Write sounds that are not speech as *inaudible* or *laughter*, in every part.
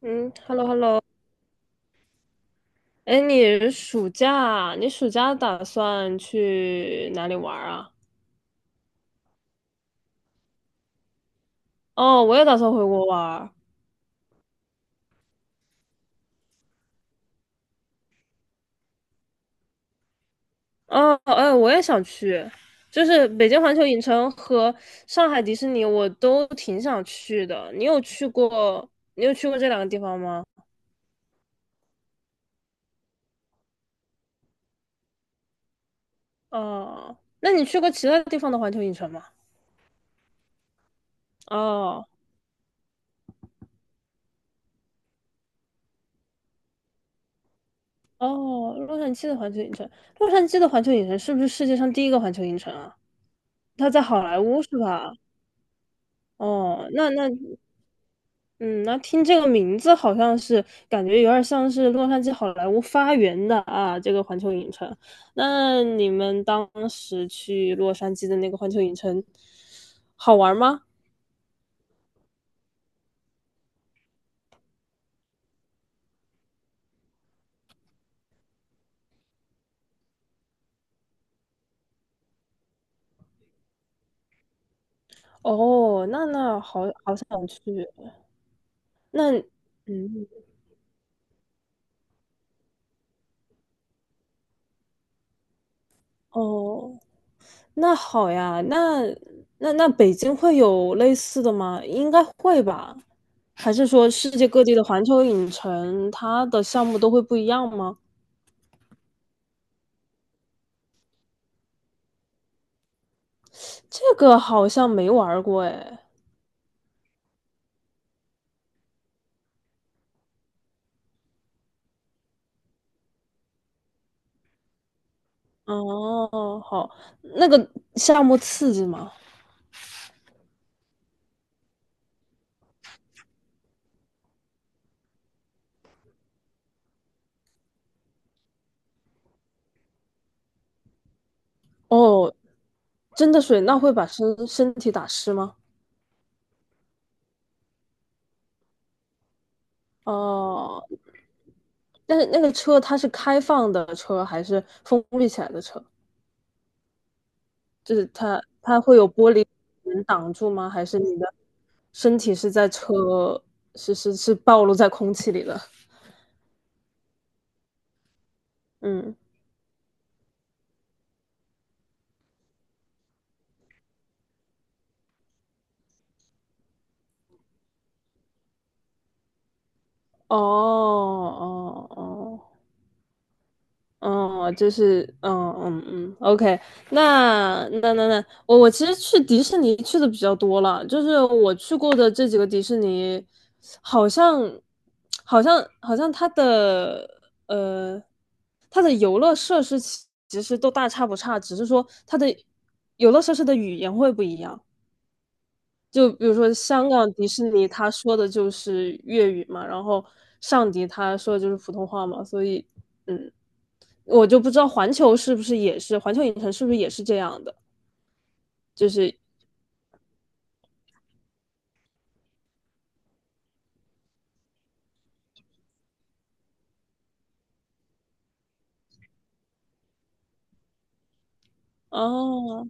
嗯，hello hello，哎，你暑假打算去哪里玩儿啊？哦，我也打算回国玩儿哦，哎，我也想去，就是北京环球影城和上海迪士尼，我都挺想去的。你有去过？你有去过这两个地方吗？哦，那你去过其他地方的环球影城吗？哦哦，洛杉矶的环球影城，洛杉矶的环球影城是不是世界上第一个环球影城啊？它在好莱坞是吧？哦，那听这个名字好像是感觉有点像是洛杉矶好莱坞发源的啊，这个环球影城。那你们当时去洛杉矶的那个环球影城好玩吗？哦，那好好想去。那嗯，哦，那好呀。那北京会有类似的吗？应该会吧。还是说世界各地的环球影城它的项目都会不一样吗？这个好像没玩儿过哎。哦，好，那个项目刺激吗？哦，真的水那会把身体打湿吗？哦，但是那个车它是开放的车还是封闭起来的车？就是它会有玻璃能挡住吗？还是你的身体是在车是暴露在空气里的？嗯，哦哦哦。哦，就是，OK，那，我其实去迪士尼去的比较多了，就是我去过的这几个迪士尼，好像，好像它的呃，它的游乐设施其实都大差不差，只是说它的游乐设施的语言会不一样。就比如说香港迪士尼，他说的就是粤语嘛，然后上迪他说的就是普通话嘛，所以。嗯。我就不知道环球是不是也是，环球影城是不是也是这样的？就是哦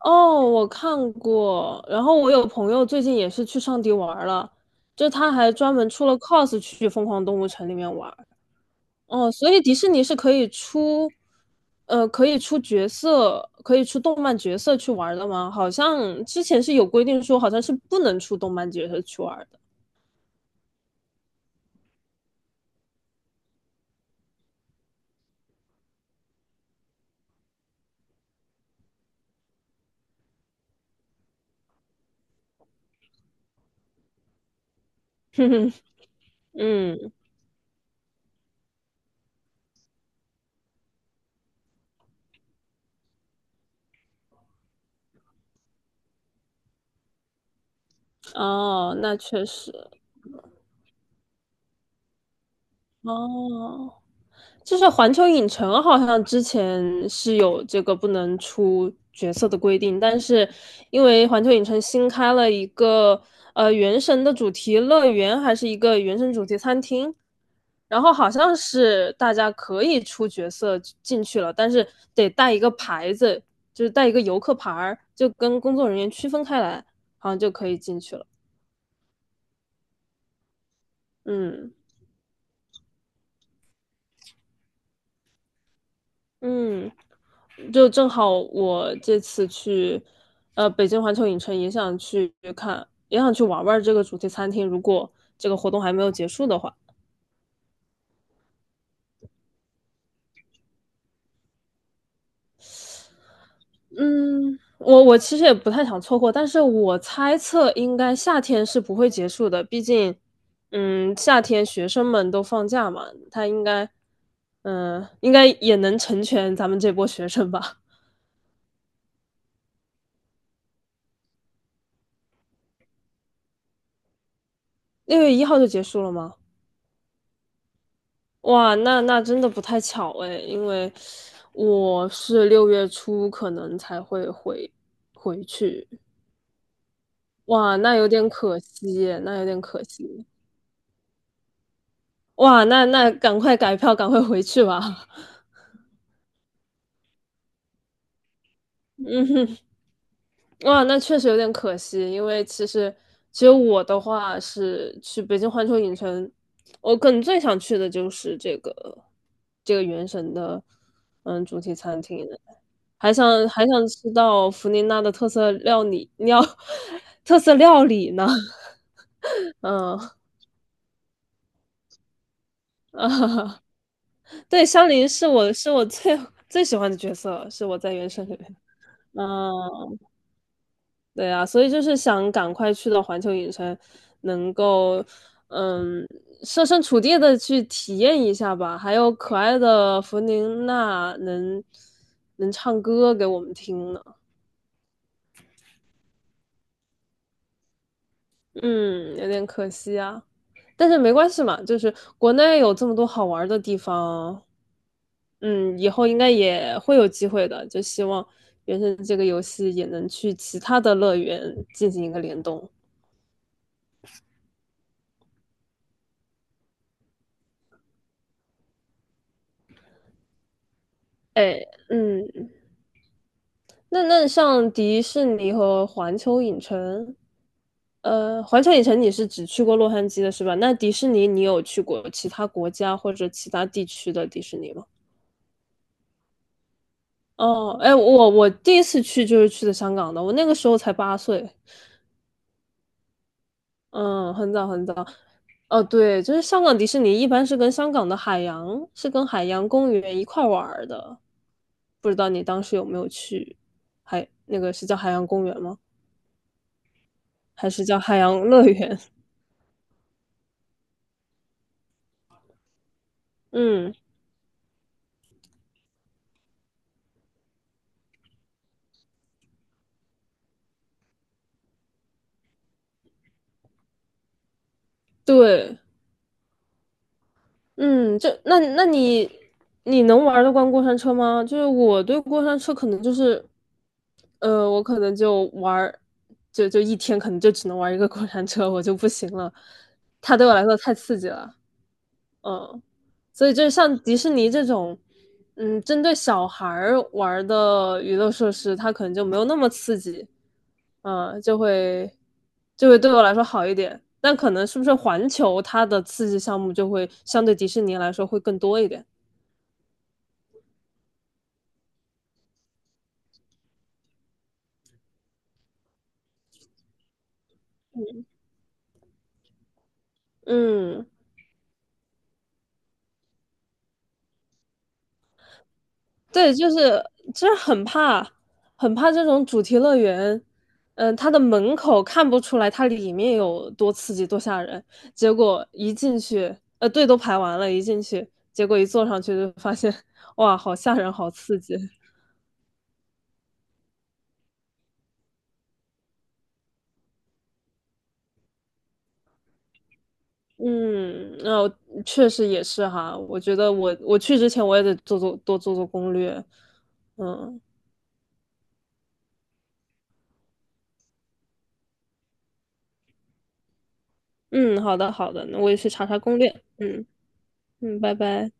哦，我看过。然后我有朋友最近也是去上迪玩儿了，就他还专门出了 cos 去疯狂动物城里面玩儿。哦，所以迪士尼是可以出，可以出角色，可以出动漫角色去玩儿的吗？好像之前是有规定说，好像是不能出动漫角色去玩儿的。嗯，哦，那确实，哦。就是环球影城好像之前是有这个不能出角色的规定，但是因为环球影城新开了一个原神的主题乐园，还是一个原神主题餐厅，然后好像是大家可以出角色进去了，但是得带一个牌子，就是带一个游客牌儿，就跟工作人员区分开来，好像就可以进去了。嗯嗯，就正好我这次去，北京环球影城也想去看，也想去玩玩这个主题餐厅。如果这个活动还没有结束的话，嗯，我其实也不太想错过，但是我猜测应该夏天是不会结束的，毕竟，夏天学生们都放假嘛，他应该，应该也能成全咱们这波学生吧？*laughs* 6月1号就结束了吗？哇，那真的不太巧诶，因为我是6月初可能才会回去，哇，那有点可惜耶，那有点可惜，哇，那赶快改票，赶快回去吧，*laughs* 嗯哼，哇，那确实有点可惜，因为其实我的话是去北京环球影城，我可能最想去的就是这个原神的主题餐厅，还想吃到弗林娜的特色料理，*laughs* 特色料理呢？嗯啊，*laughs* 对，香菱是我最最喜欢的角色，是我在原声里面。嗯，对啊，所以就是想赶快去到环球影城，能够嗯设身处地的去体验一下吧。还有可爱的弗宁娜能唱歌给我们听呢，嗯，有点可惜啊。但是没关系嘛，就是国内有这么多好玩的地方，以后应该也会有机会的。就希望原神这个游戏也能去其他的乐园进行一个联动。哎，嗯，那像迪士尼和环球影城，环球影城你是只去过洛杉矶的是吧？那迪士尼你有去过其他国家或者其他地区的迪士尼吗？哦，哎，我第一次去就是去的香港的，我那个时候才8岁。嗯，很早很早，哦，对，就是香港迪士尼一般是跟香港的海洋，是跟海洋公园一块儿玩儿的，不知道你当时有没有去海，那个是叫海洋公园吗？还是叫海洋乐园？*laughs* 嗯，对，嗯，那你能玩得惯过山车吗？就是我对过山车可能就是，我可能就玩儿，就一天可能就只能玩一个过山车，我就不行了，它对我来说太刺激了，嗯。所以就是像迪士尼这种，针对小孩儿玩儿的娱乐设施，它可能就没有那么刺激，嗯，就会就会对我来说好一点。但可能是不是环球它的刺激项目就会相对迪士尼来说会更多一点？嗯。对，就是很怕，很怕这种主题乐园，它的门口看不出来它里面有多刺激多吓人，结果一进去，队都排完了，一进去，结果一坐上去就发现，哇，好吓人，好刺激。嗯，那、我确实也是哈，我觉得我去之前我也得多做做攻略。嗯嗯，好的好的，那我也去查查攻略。嗯嗯，拜拜。